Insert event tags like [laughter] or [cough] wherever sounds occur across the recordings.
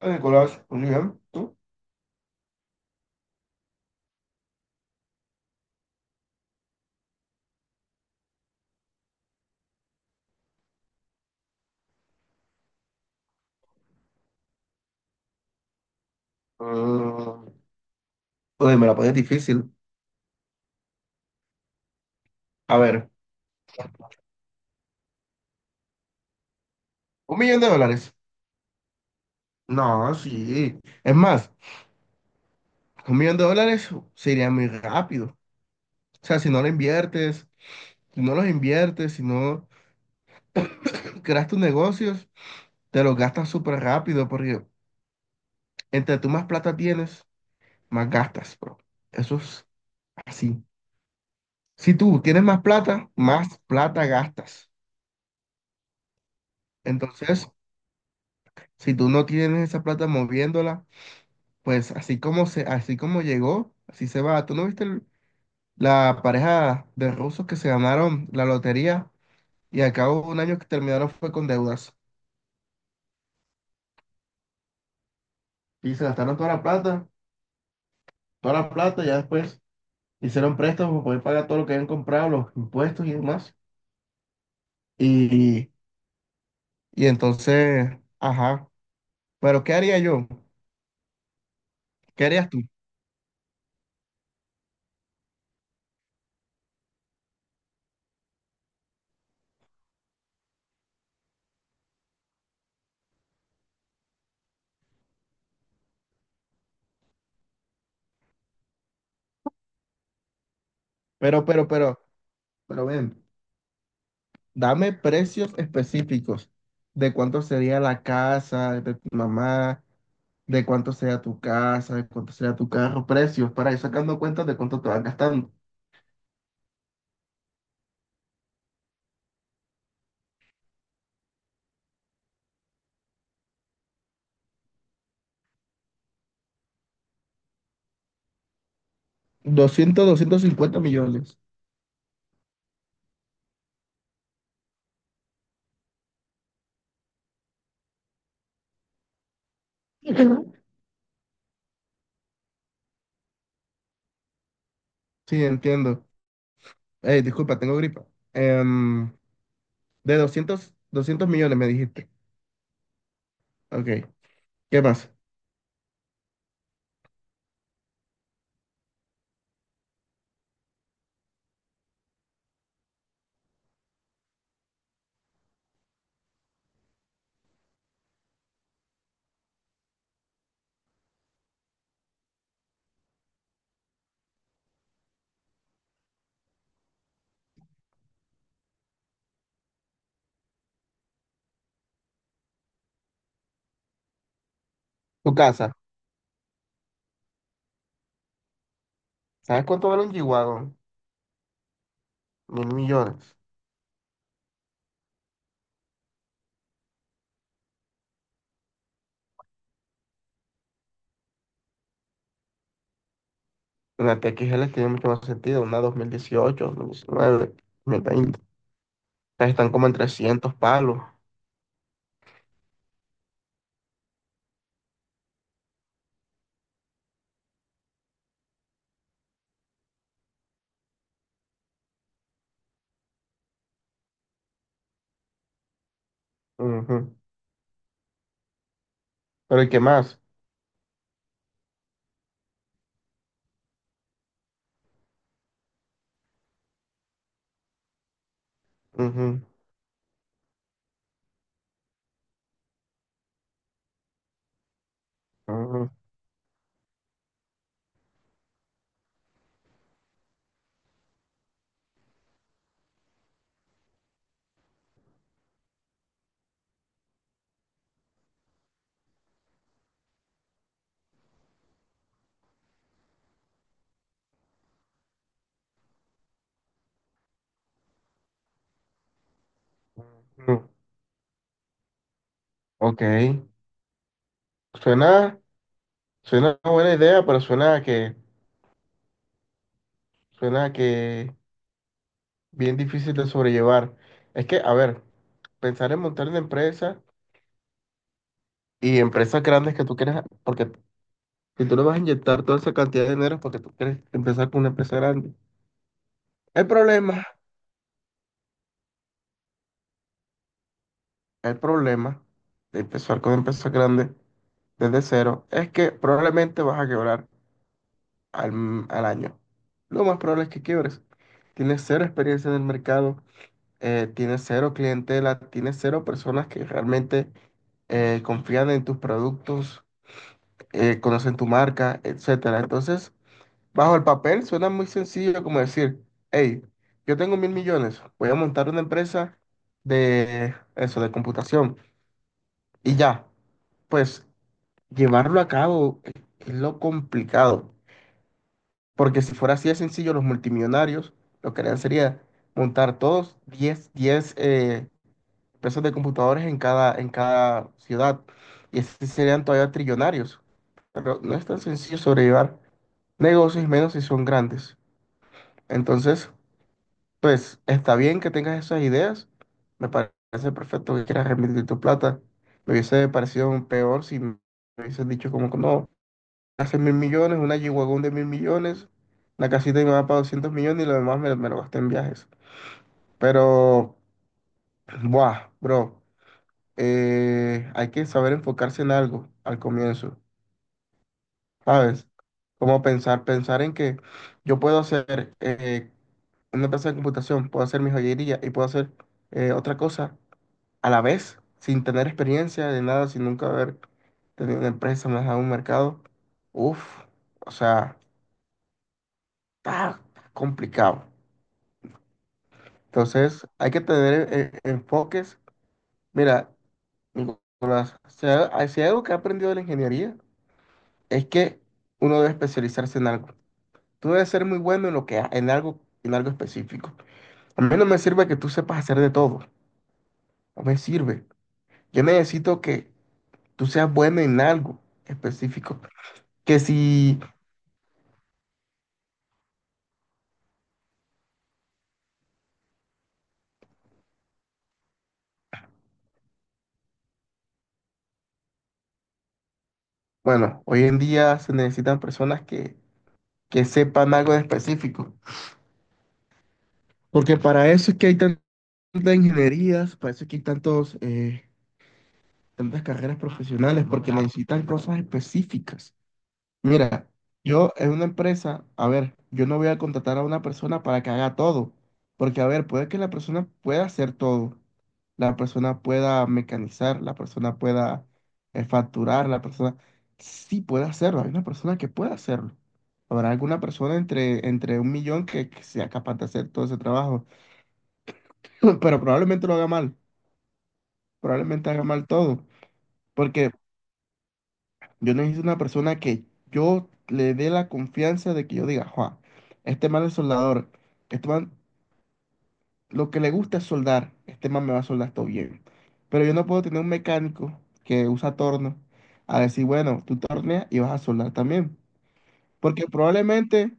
Hola, Nicolás, un millón, ¿tú? Mm, uy, me la pones difícil. A ver, un millón de dólares. No, sí. Es más, un millón de dólares sería muy rápido. O sea, si no los inviertes, si no creas tus negocios, te los gastas súper rápido porque entre tú más plata tienes, más gastas, bro. Eso es así. Si tú tienes más plata gastas. Entonces, si tú no tienes esa plata moviéndola, pues así como llegó, así se va. ¿Tú no viste la pareja de rusos que se ganaron la lotería y al cabo de un año que terminaron fue con deudas? Y se gastaron toda la plata, ya después hicieron préstamos para poder pagar todo lo que habían comprado, los impuestos y demás. Y, y entonces, ajá. Pero ¿qué haría yo? ¿Qué harías tú? Pero, pero, pero, pero ven, dame precios específicos de cuánto sería la casa de tu mamá, de cuánto sea tu casa, de cuánto sea tu carro, precios, para ir sacando cuentas de cuánto te vas gastando. Doscientos cincuenta millones. Ujú. Sí, entiendo. Disculpa, tengo gripa. Em, de doscientos millones me dijiste. Ok, ¿qué más? Tu casa. ¿Sabes cuánto vale un G-Wagon? Mil millones. Una TXL tiene mucho más sentido, una 2018, 2019, 2020. Estas Están como en 300 palos. Ujú. ¿Pero y qué más? Ujú, ujú, ujú. Ok. Suena, suena una buena idea, pero suena a que bien difícil de sobrellevar. Es que, a ver, pensar en montar una empresa y empresas grandes que tú quieres, porque si tú le vas a inyectar toda esa cantidad de dinero es porque tú quieres empezar con una empresa grande. El problema, el problema de empezar con empresas grandes desde cero es que probablemente vas a quebrar al año. Lo más probable es que quiebres. Tienes cero experiencia en el mercado, tienes cero clientela, tienes cero personas que realmente confían en tus productos, conocen tu marca, etcétera. Entonces, bajo el papel suena muy sencillo como decir, hey, yo tengo mil millones, voy a montar una empresa de eso, de computación. Y ya, pues llevarlo a cabo es lo complicado, porque si fuera así de sencillo, los multimillonarios lo que harían sería montar todos diez empresas de computadores en cada ciudad. Y así serían todavía trillonarios. Pero no es tan sencillo sobrellevar negocios, y menos si son grandes. Entonces, pues está bien que tengas esas ideas. Me parece perfecto que quieras remitir tu plata. Me hubiese parecido un peor si me hubiesen dicho como que no, hace mil millones, una G-Wagon de mil millones, la casita de mi mamá para 200 millones y lo demás me lo gasté en viajes. Pero, buah, bro. Hay que saber enfocarse en algo al comienzo, ¿sabes? Como pensar en que yo puedo hacer una empresa de computación, puedo hacer mi joyería y puedo hacer otra cosa a la vez, sin tener experiencia de nada, sin nunca haber tenido una empresa, más a un mercado. Uf, o sea, está complicado. Entonces, hay que tener enfoques. Mira, Nicolás, si hay algo que he aprendido de la ingeniería, es que uno debe especializarse en algo. Tú debes ser muy bueno en lo que en algo específico. A mí no me sirve que tú sepas hacer de todo. No me sirve. Yo necesito que tú seas bueno en algo específico. Que si, bueno, hoy en día se necesitan personas que sepan algo en específico. Porque para eso es que hay tantas ingenierías, para eso es que hay tantas carreras profesionales, porque necesitan cosas específicas. Mira, yo en una empresa, a ver, yo no voy a contratar a una persona para que haga todo, porque a ver, puede que la persona pueda hacer todo, la persona pueda mecanizar, la persona pueda facturar, la persona sí puede hacerlo, hay una persona que puede hacerlo. Habrá alguna persona entre un millón que sea capaz de hacer todo ese trabajo, [laughs] pero probablemente lo haga mal, probablemente haga mal todo, porque yo necesito una persona que yo le dé la confianza de que yo diga, Juan, este man es soldador, este man lo que le gusta es soldar, este man me va a soldar todo bien. Pero yo no puedo tener un mecánico que usa torno a decir, bueno, tú torneas y vas a soldar también. Porque probablemente,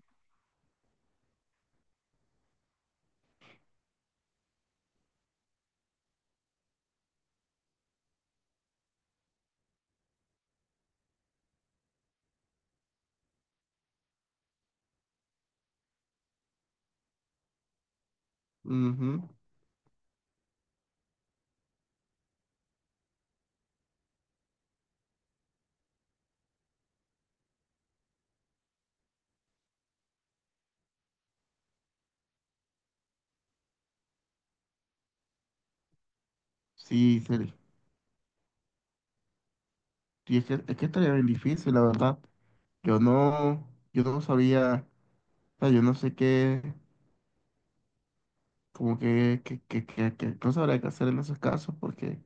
ujú, sí, Feli, sí, es que estaría bien difícil, la verdad. Yo no, yo no sabía, o sea, yo no sé qué, como que no sabría qué hacer en esos casos porque...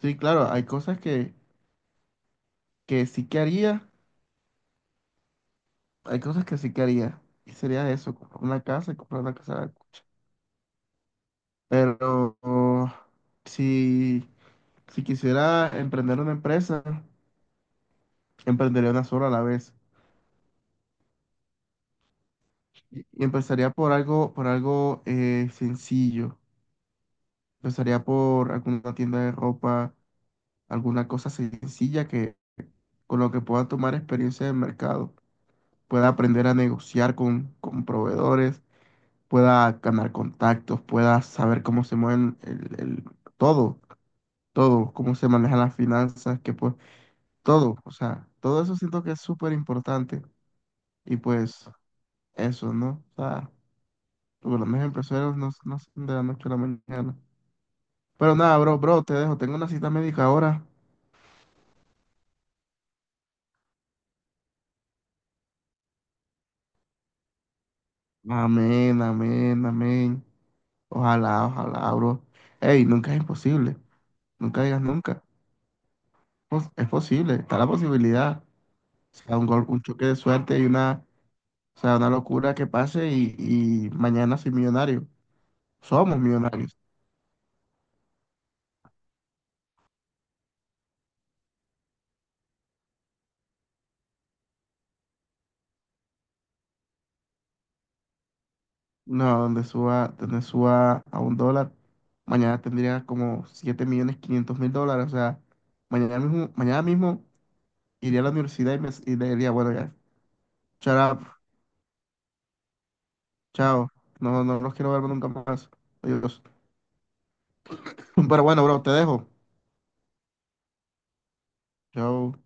Sí, claro, hay cosas que sí que haría, hay cosas que sí que haría. Y sería eso, comprar una casa y comprar una casa. Pero oh, si, si quisiera emprender una empresa, emprendería una sola a la vez. Y empezaría por algo sencillo. Empezaría por alguna tienda de ropa, alguna cosa sencilla que con lo que pueda tomar experiencia de mercado. Pueda aprender a negociar con proveedores, pueda ganar contactos, pueda saber cómo se mueven todo, todo, cómo se manejan las finanzas, que pues todo, o sea, todo eso siento que es súper importante y pues eso, ¿no? O sea, porque los mejores empresarios no, no son de la noche a la mañana. Pero nada, bro, bro, te dejo, tengo una cita médica ahora. Amén, amén, amén. Ojalá, ojalá, bro. Ey, nunca es imposible, nunca digas nunca. Es posible, está la posibilidad, o sea, un gol, un choque de suerte y una o sea, una locura que pase y mañana soy millonario. Somos millonarios. No, donde suba a un dólar, mañana tendría como $7.500.000. O sea, mañana mismo iría a la universidad y le diría, bueno, ya, shut up, chao. No, no los quiero ver nunca más. Adiós. [laughs] Pero bueno, bro, te dejo. Chao.